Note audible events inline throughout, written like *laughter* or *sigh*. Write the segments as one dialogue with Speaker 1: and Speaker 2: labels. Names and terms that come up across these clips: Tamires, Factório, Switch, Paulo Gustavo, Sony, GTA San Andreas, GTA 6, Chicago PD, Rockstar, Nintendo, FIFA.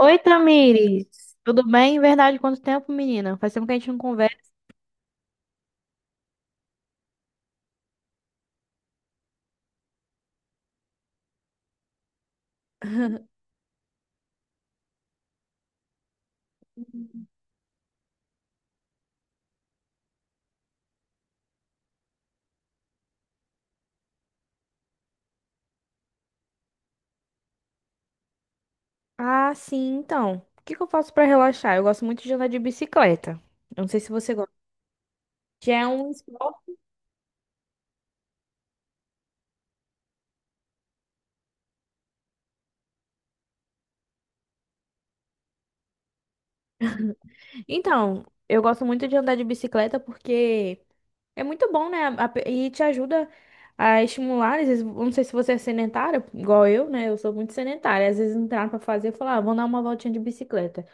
Speaker 1: Oi, Tamires. Tudo bem? Verdade, quanto tempo, menina? Faz tempo que a gente não conversa. *laughs* Ah, sim, então. O que que eu faço pra relaxar? Eu gosto muito de andar de bicicleta. Eu não sei se você gosta. Já é um esporte. Então, eu gosto muito de andar de bicicleta porque é muito bom, né? E te ajuda a estimular. Às vezes, eu não sei se você é sedentária, igual eu, né? Eu sou muito sedentária. Às vezes não tem nada pra fazer, eu falo, ah, vou dar uma voltinha de bicicleta.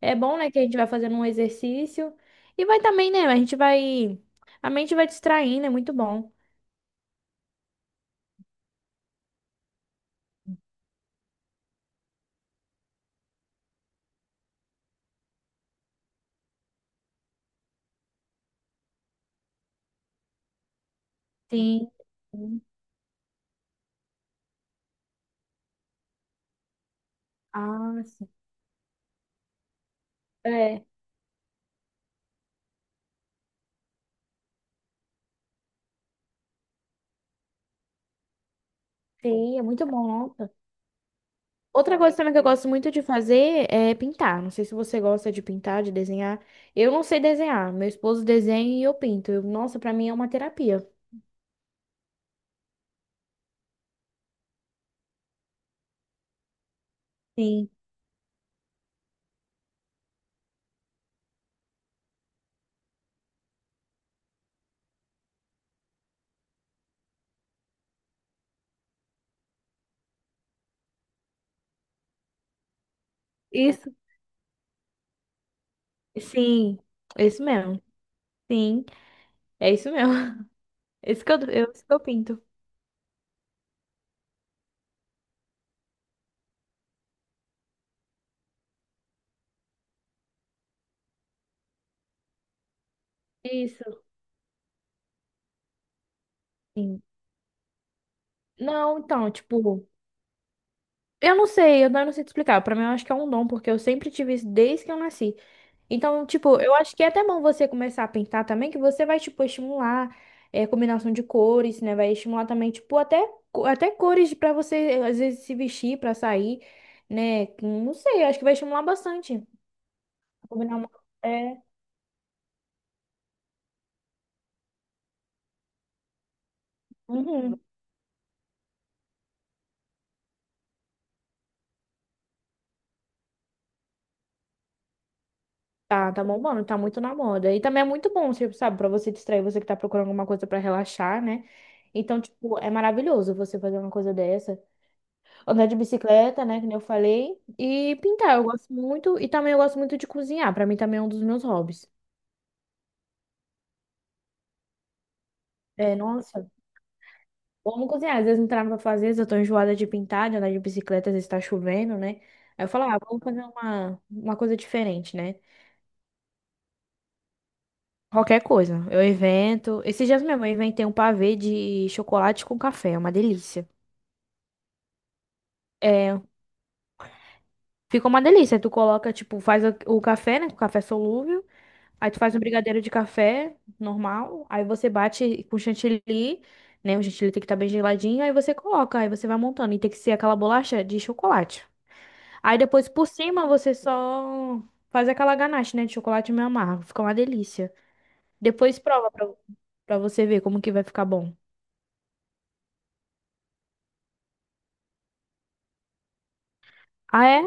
Speaker 1: É bom, né, que a gente vai fazendo um exercício e vai também, né, a mente vai distraindo, é muito bom. Sim. Sim. Ah, sim. É, sim, é muito bom, nossa. Outra coisa também que eu gosto muito de fazer é pintar. Não sei se você gosta de pintar, de desenhar. Eu não sei desenhar. Meu esposo desenha e eu pinto. Nossa, pra mim é uma terapia. Sim. Isso. Sim. Isso mesmo. Sim. É isso mesmo. *laughs* Isso que isso que eu pinto. Isso. Sim. Não, então, tipo, eu não sei te explicar. Pra mim, eu acho que é um dom, porque eu sempre tive isso desde que eu nasci. Então, tipo, eu acho que é até bom você começar a pintar também, que você vai, tipo, estimular combinação de cores, né? Vai estimular também, tipo, até, até cores pra você, às vezes, se vestir pra sair, né? Não sei, eu acho que vai estimular bastante. Combinar uma... É. Uhum. Tá bom, mano, tá muito na moda. E também é muito bom, tipo, sabe, pra você distrair, você que tá procurando alguma coisa pra relaxar, né? Então, tipo, é maravilhoso você fazer uma coisa dessa. Andar de bicicleta, né, que nem eu falei. E pintar, eu gosto muito. E também eu gosto muito de cozinhar. Pra mim também é um dos meus hobbies. É, nossa, vamos cozinhar. Às vezes não tem nada pra fazer, às vezes eu tô enjoada de pintar, de andar de bicicleta, às vezes tá chovendo, né? Aí eu falo, ah, vamos fazer uma coisa diferente, né? Qualquer coisa. Eu invento. Esses dias mesmo eu inventei um pavê de chocolate com café, é uma delícia. É, fica uma delícia. Tu coloca, tipo, faz o café, né? O café solúvel. Aí tu faz um brigadeiro de café normal, aí você bate com chantilly, né? O chantilly tem que estar bem geladinho, aí você coloca, aí você vai montando e tem que ser aquela bolacha de chocolate. Aí depois por cima você só faz aquela ganache, né, de chocolate meio amargo, fica uma delícia. Depois prova pra, pra você ver como que vai ficar bom. Ah, é?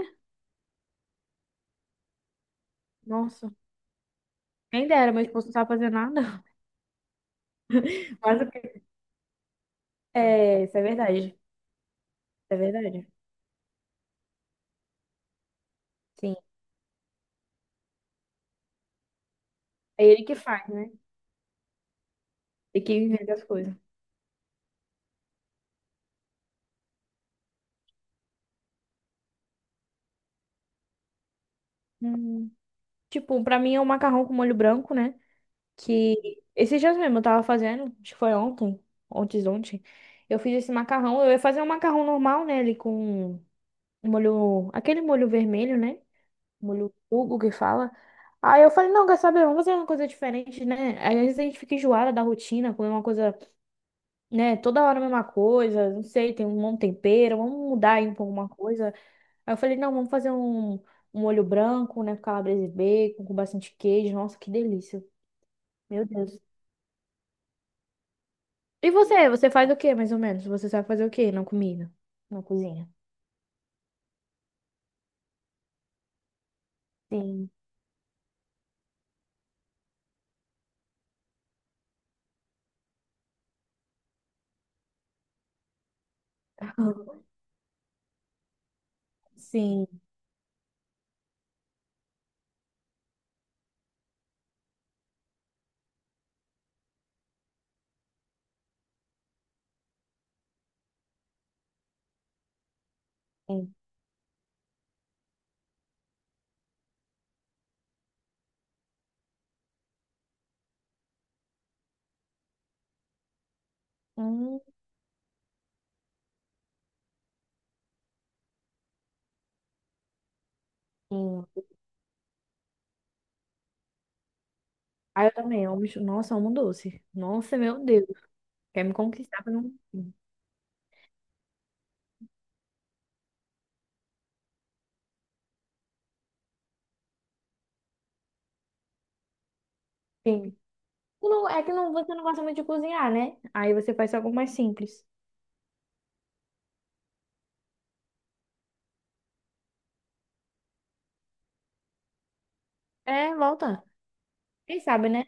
Speaker 1: Nossa, quem dera, meu esposo não sabe fazer nada. *laughs* Mas o quê? É, isso é verdade. Isso é verdade. Sim. É ele que faz, né? E que inventa as coisas. Hum. Tipo, pra mim é um macarrão com molho branco, né? Que esses dias mesmo eu tava fazendo, acho que foi ontem, ontem. Eu fiz esse macarrão, eu ia fazer um macarrão normal, né? Ali com um molho, aquele molho vermelho, né? Molho Hugo que fala. Aí eu falei, não, quer saber? Vamos fazer uma coisa diferente, né? Às vezes a gente fica enjoada da rotina, comer uma coisa, né? Toda hora a mesma coisa, não sei, tem um monte de tempero, vamos mudar aí um pouco uma coisa. Aí eu falei, não, vamos fazer um molho branco, né? Com calabresa e bacon, com bastante queijo. Nossa, que delícia. Meu Deus. E você? Você faz o quê, mais ou menos? Você sabe fazer o quê na comida? Na cozinha? Sim. *laughs* Sim. Sim. Hum, sim. Ah, eu também. Nossa, amo doce. Nossa, meu Deus. Quer me conquistar pra não... Sim. É que não, você não gosta muito de cozinhar, né? Aí você faz algo mais simples. É, volta. Quem sabe, né?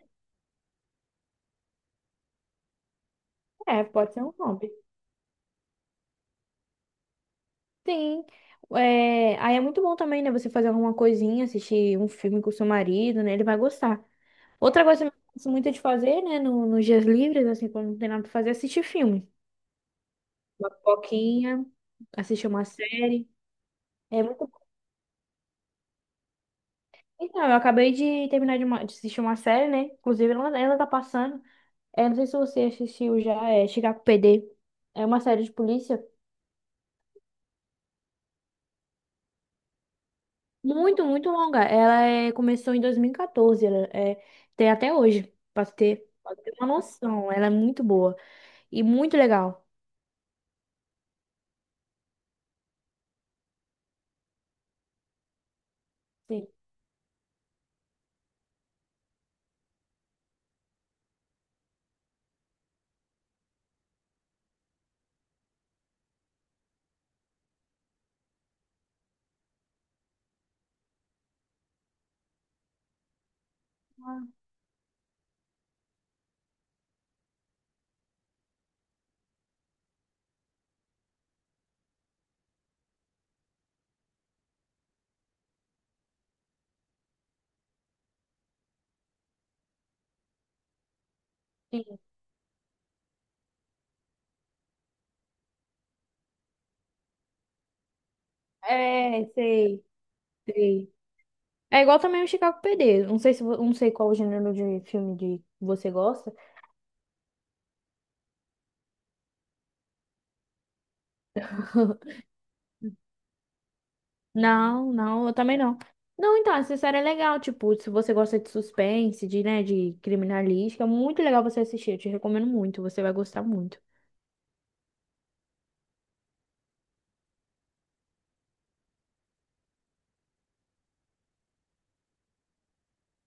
Speaker 1: É, pode ser um hobby. Sim. É, aí é muito bom também, né? Você fazer alguma coisinha, assistir um filme com seu marido, né? Ele vai gostar. Outra coisa que eu gosto muito de fazer, né? No, Nos dias livres, assim, quando não tem nada pra fazer, é assistir filme. Uma pipoquinha, assistir uma série. É muito bom. Então, eu acabei de terminar de, de assistir uma série, né? Inclusive, ela tá passando. É, não sei se você assistiu já, é Chicago PD. É uma série de polícia. Muito, muito longa. Começou em 2014, ela é, tem até hoje, pra você ter uma noção. Ela é muito boa e muito legal. Sim, sim. É, sei. É igual também o Chicago PD. Não sei se, não sei qual o gênero de filme de você gosta. *laughs* Não, não, eu também não. Não, então, essa série é legal, tipo, se você gosta de suspense, de, né, de criminalística, é muito legal você assistir, eu te recomendo muito, você vai gostar muito.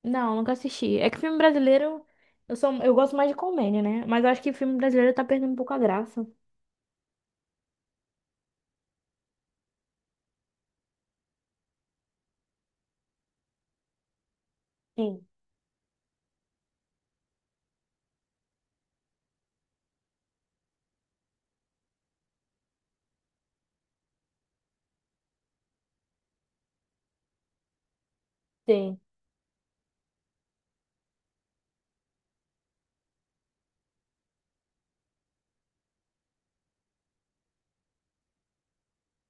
Speaker 1: Não, nunca assisti. É que filme brasileiro, eu gosto mais de comédia, né? Mas eu acho que filme brasileiro tá perdendo um pouco a graça. Sim. Sim.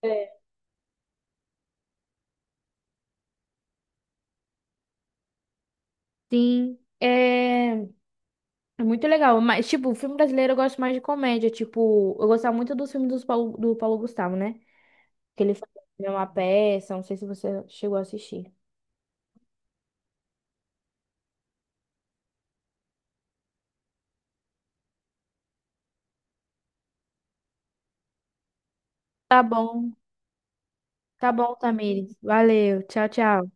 Speaker 1: É. Sim, é, é muito legal. Mas, tipo, filme brasileiro eu gosto mais de comédia. Tipo, eu gostava muito dos filmes dos Paulo, do Paulo Gustavo, né? Que ele fazia uma peça. Não sei se você chegou a assistir. Tá bom, tá bom, Tamires. Valeu, tchau, tchau.